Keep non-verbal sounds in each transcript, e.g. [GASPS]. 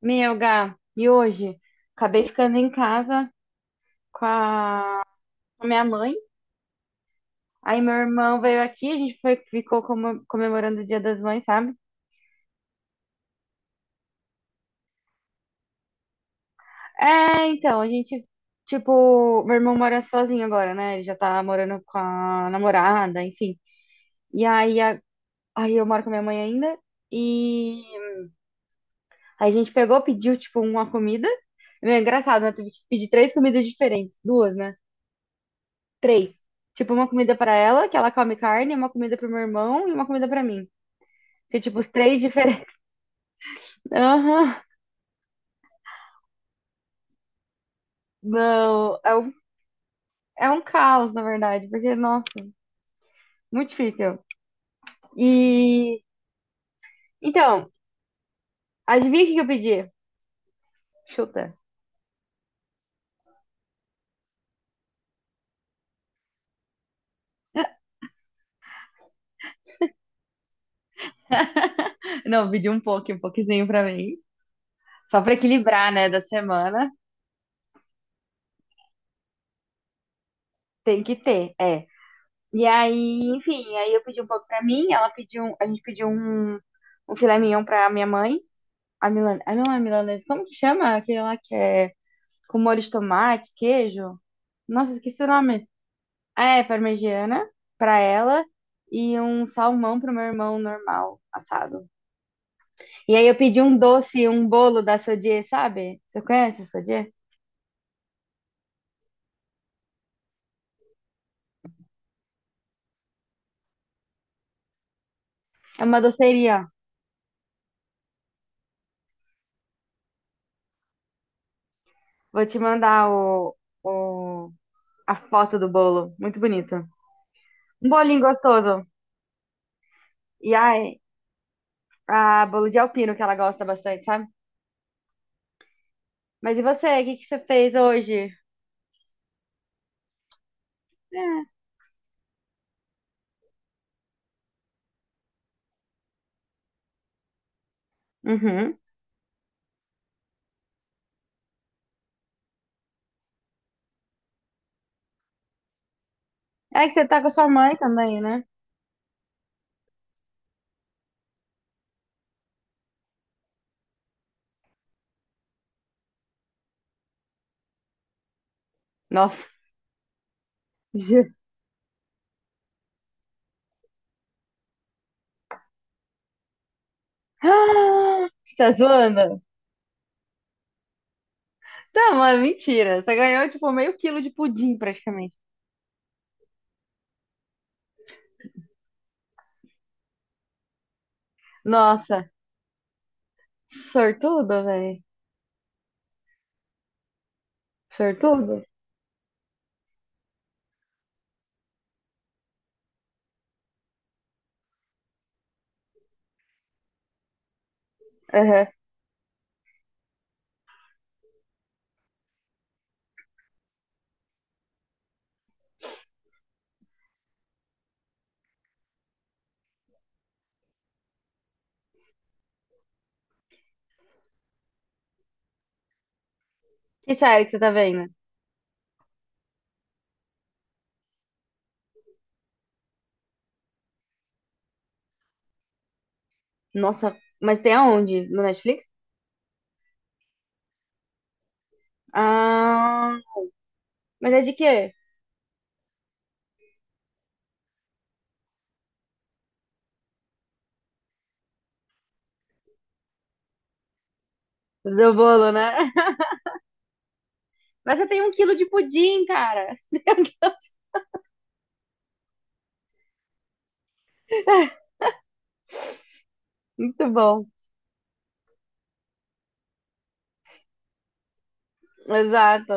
Meu, Gá, e hoje? Acabei ficando em casa com a, com a minha mãe. Aí meu irmão veio aqui, a gente foi, ficou comemorando o Dia das Mães, sabe? É, então, a gente, tipo, meu irmão mora sozinho agora, né? Ele já tá morando com a namorada, enfim. E aí, aí eu moro com a minha mãe ainda. E aí a gente pegou, pediu, tipo, uma comida. É engraçado, né? Tive que pedir três comidas diferentes, duas, né? Três. Tipo, uma comida pra ela, que ela come carne, uma comida pro meu irmão e uma comida pra mim. Que, tipo, os três diferentes. [LAUGHS] Aham. Não, é um caos, na verdade, porque, nossa, muito difícil. E, então, adivinha o que que eu pedi? Chuta. Não, eu pedi um pouco, um pouquinho pra mim. Só pra equilibrar, né, da semana. Tem que ter, é. E aí, enfim, aí eu pedi um pouco pra mim, ela pediu, a gente pediu um filé mignon pra minha mãe. A milan Ah, não é milanesa. Como que chama aquele lá que é com molho de tomate, queijo? Nossa, esqueci o nome. Ah, é parmegiana pra ela e um salmão pro meu irmão normal, assado. E aí eu pedi um doce, um bolo da Sodier, sabe? Você conhece a Sodier? É uma doceria. Vou te mandar o, a foto do bolo. Muito bonito. Um bolinho gostoso. E ai, a bolo de alpino que ela gosta bastante, sabe? Mas e você? O que que você fez hoje? Ah. Uhum. É que você tá com a sua mãe também, né? Nossa. [GASPS] [LAUGHS] Je- Ah, você tá zoando? Tá, mas mentira. Você ganhou, tipo, meio quilo de pudim, praticamente. Nossa. Sortudo, velho. Sortudo? Aham. Que série que você tá vendo? Nossa, mas tem aonde? No Netflix? Ah, mas é de quê? Do bolo, né? [LAUGHS] Mas você tem um quilo de pudim, cara. [LAUGHS] Muito bom. Exato.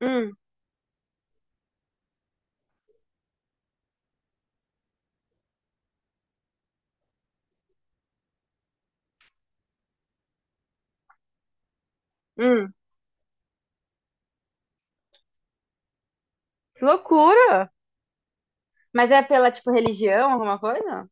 Hum, hum. Que loucura! Mas é pela, tipo, religião, alguma coisa?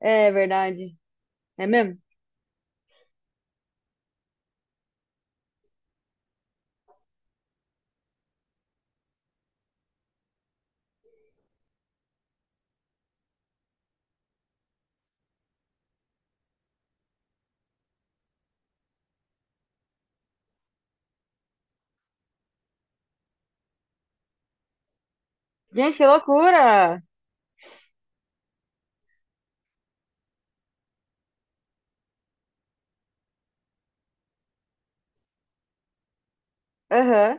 É verdade. É mesmo? Gente, que loucura! Aham.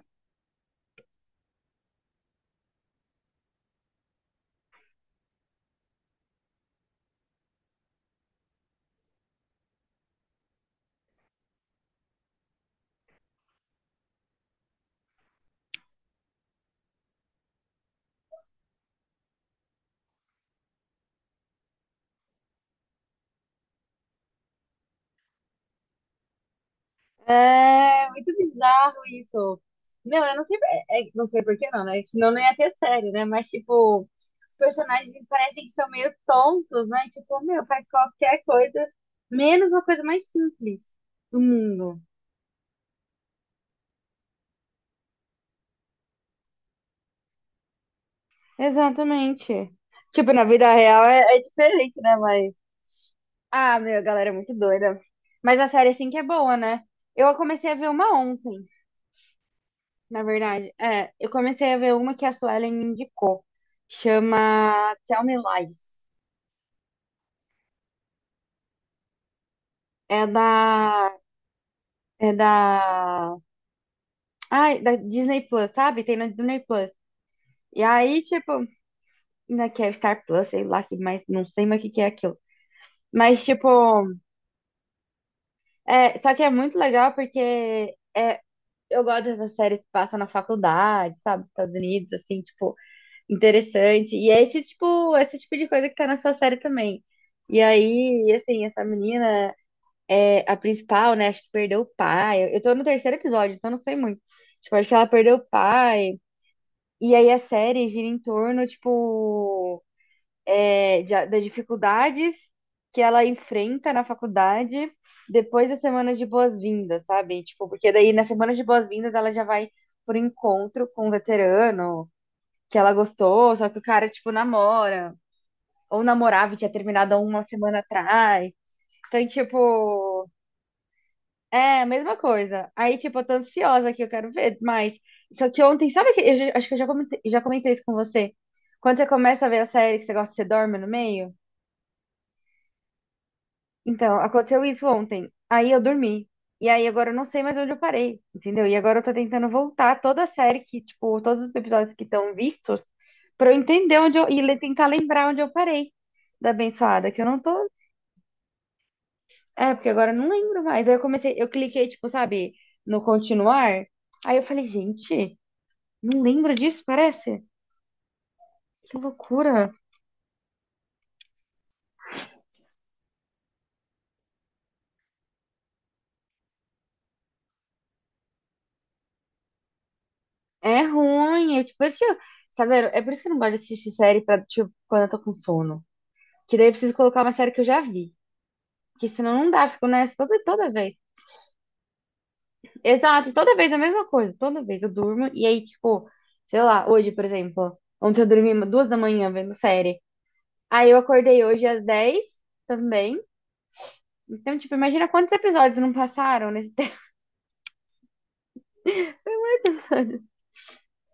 É muito bizarro isso. Meu, eu não sei, não sei por que não, né? Senão não ia ter série, né? Mas, tipo, os personagens eles parecem que são meio tontos, né? Tipo, meu, faz qualquer coisa, menos uma coisa mais simples do mundo. Exatamente. Tipo, na vida real é diferente, né? Mas. Ah, meu, a galera é muito doida. Mas a série, assim, que é boa, né? Eu comecei a ver uma ontem, na verdade. É, eu comecei a ver uma que a Suelen me indicou. Chama Tell Me Lies. É da... É da... Ai, da Disney Plus, sabe? Tem na Disney Plus. E aí, tipo... Ainda que é Star Plus, sei lá, que mais... Não sei mais o que que é aquilo. Mas, tipo... É, só que é muito legal porque... É, eu gosto dessas séries que passam na faculdade, sabe? Estados Unidos, assim, tipo... Interessante. E é esse tipo de coisa que tá na sua série também. E aí, assim, essa menina, é, a principal, né? Acho que perdeu o pai. Eu tô no terceiro episódio, então não sei muito. Tipo, acho que ela perdeu o pai. E aí a série gira em torno, tipo, é, das dificuldades que ela enfrenta na faculdade depois da semana de boas-vindas, sabe? Tipo, porque daí na semana de boas-vindas ela já vai por encontro com um veterano que ela gostou, só que o cara, tipo, namora, ou namorava e tinha terminado há uma semana atrás. Então, tipo, é a mesma coisa. Aí, tipo, eu tô ansiosa que eu quero ver mais. Só que ontem, sabe que eu acho que eu já comentei isso com você. Quando você começa a ver a série que você gosta, você dorme no meio? Então, aconteceu isso ontem. Aí eu dormi. E aí agora eu não sei mais onde eu parei, entendeu? E agora eu tô tentando voltar toda a série que, tipo, todos os episódios que estão vistos, pra eu entender onde eu, tentar lembrar onde eu parei da abençoada, que eu não tô. É, porque agora eu não lembro mais. Aí eu comecei, eu cliquei, tipo, sabe, no continuar. Aí eu falei, gente, não lembro disso, parece? Que loucura. É ruim. Eu, tipo, por isso que eu, sabe, é por isso que eu não gosto de assistir série pra, tipo, quando eu tô com sono. Que daí eu preciso colocar uma série que eu já vi. Porque senão não dá, eu fico nessa toda vez. Exato, toda vez a mesma coisa. Toda vez eu durmo. E aí, tipo, sei lá, hoje, por exemplo, ontem eu dormi 2 da manhã vendo série. Aí eu acordei hoje às 10 também. Então, tipo, imagina quantos episódios não passaram nesse tempo. [LAUGHS]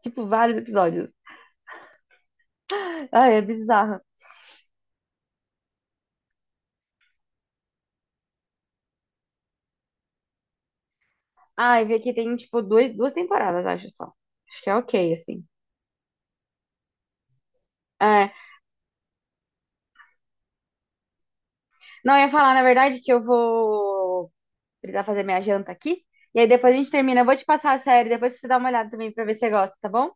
Tipo, vários episódios. Ai, é bizarro. Ai, vê que tem, tipo, dois, duas temporadas, acho só. Acho que é ok, assim. É, não, eu ia falar, na verdade, que eu vou precisar fazer minha janta aqui. E aí depois a gente termina. Eu vou te passar a série, depois pra você dar uma olhada também pra ver se você gosta, tá bom?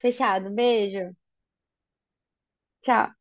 Fechado. Um beijo. Tchau.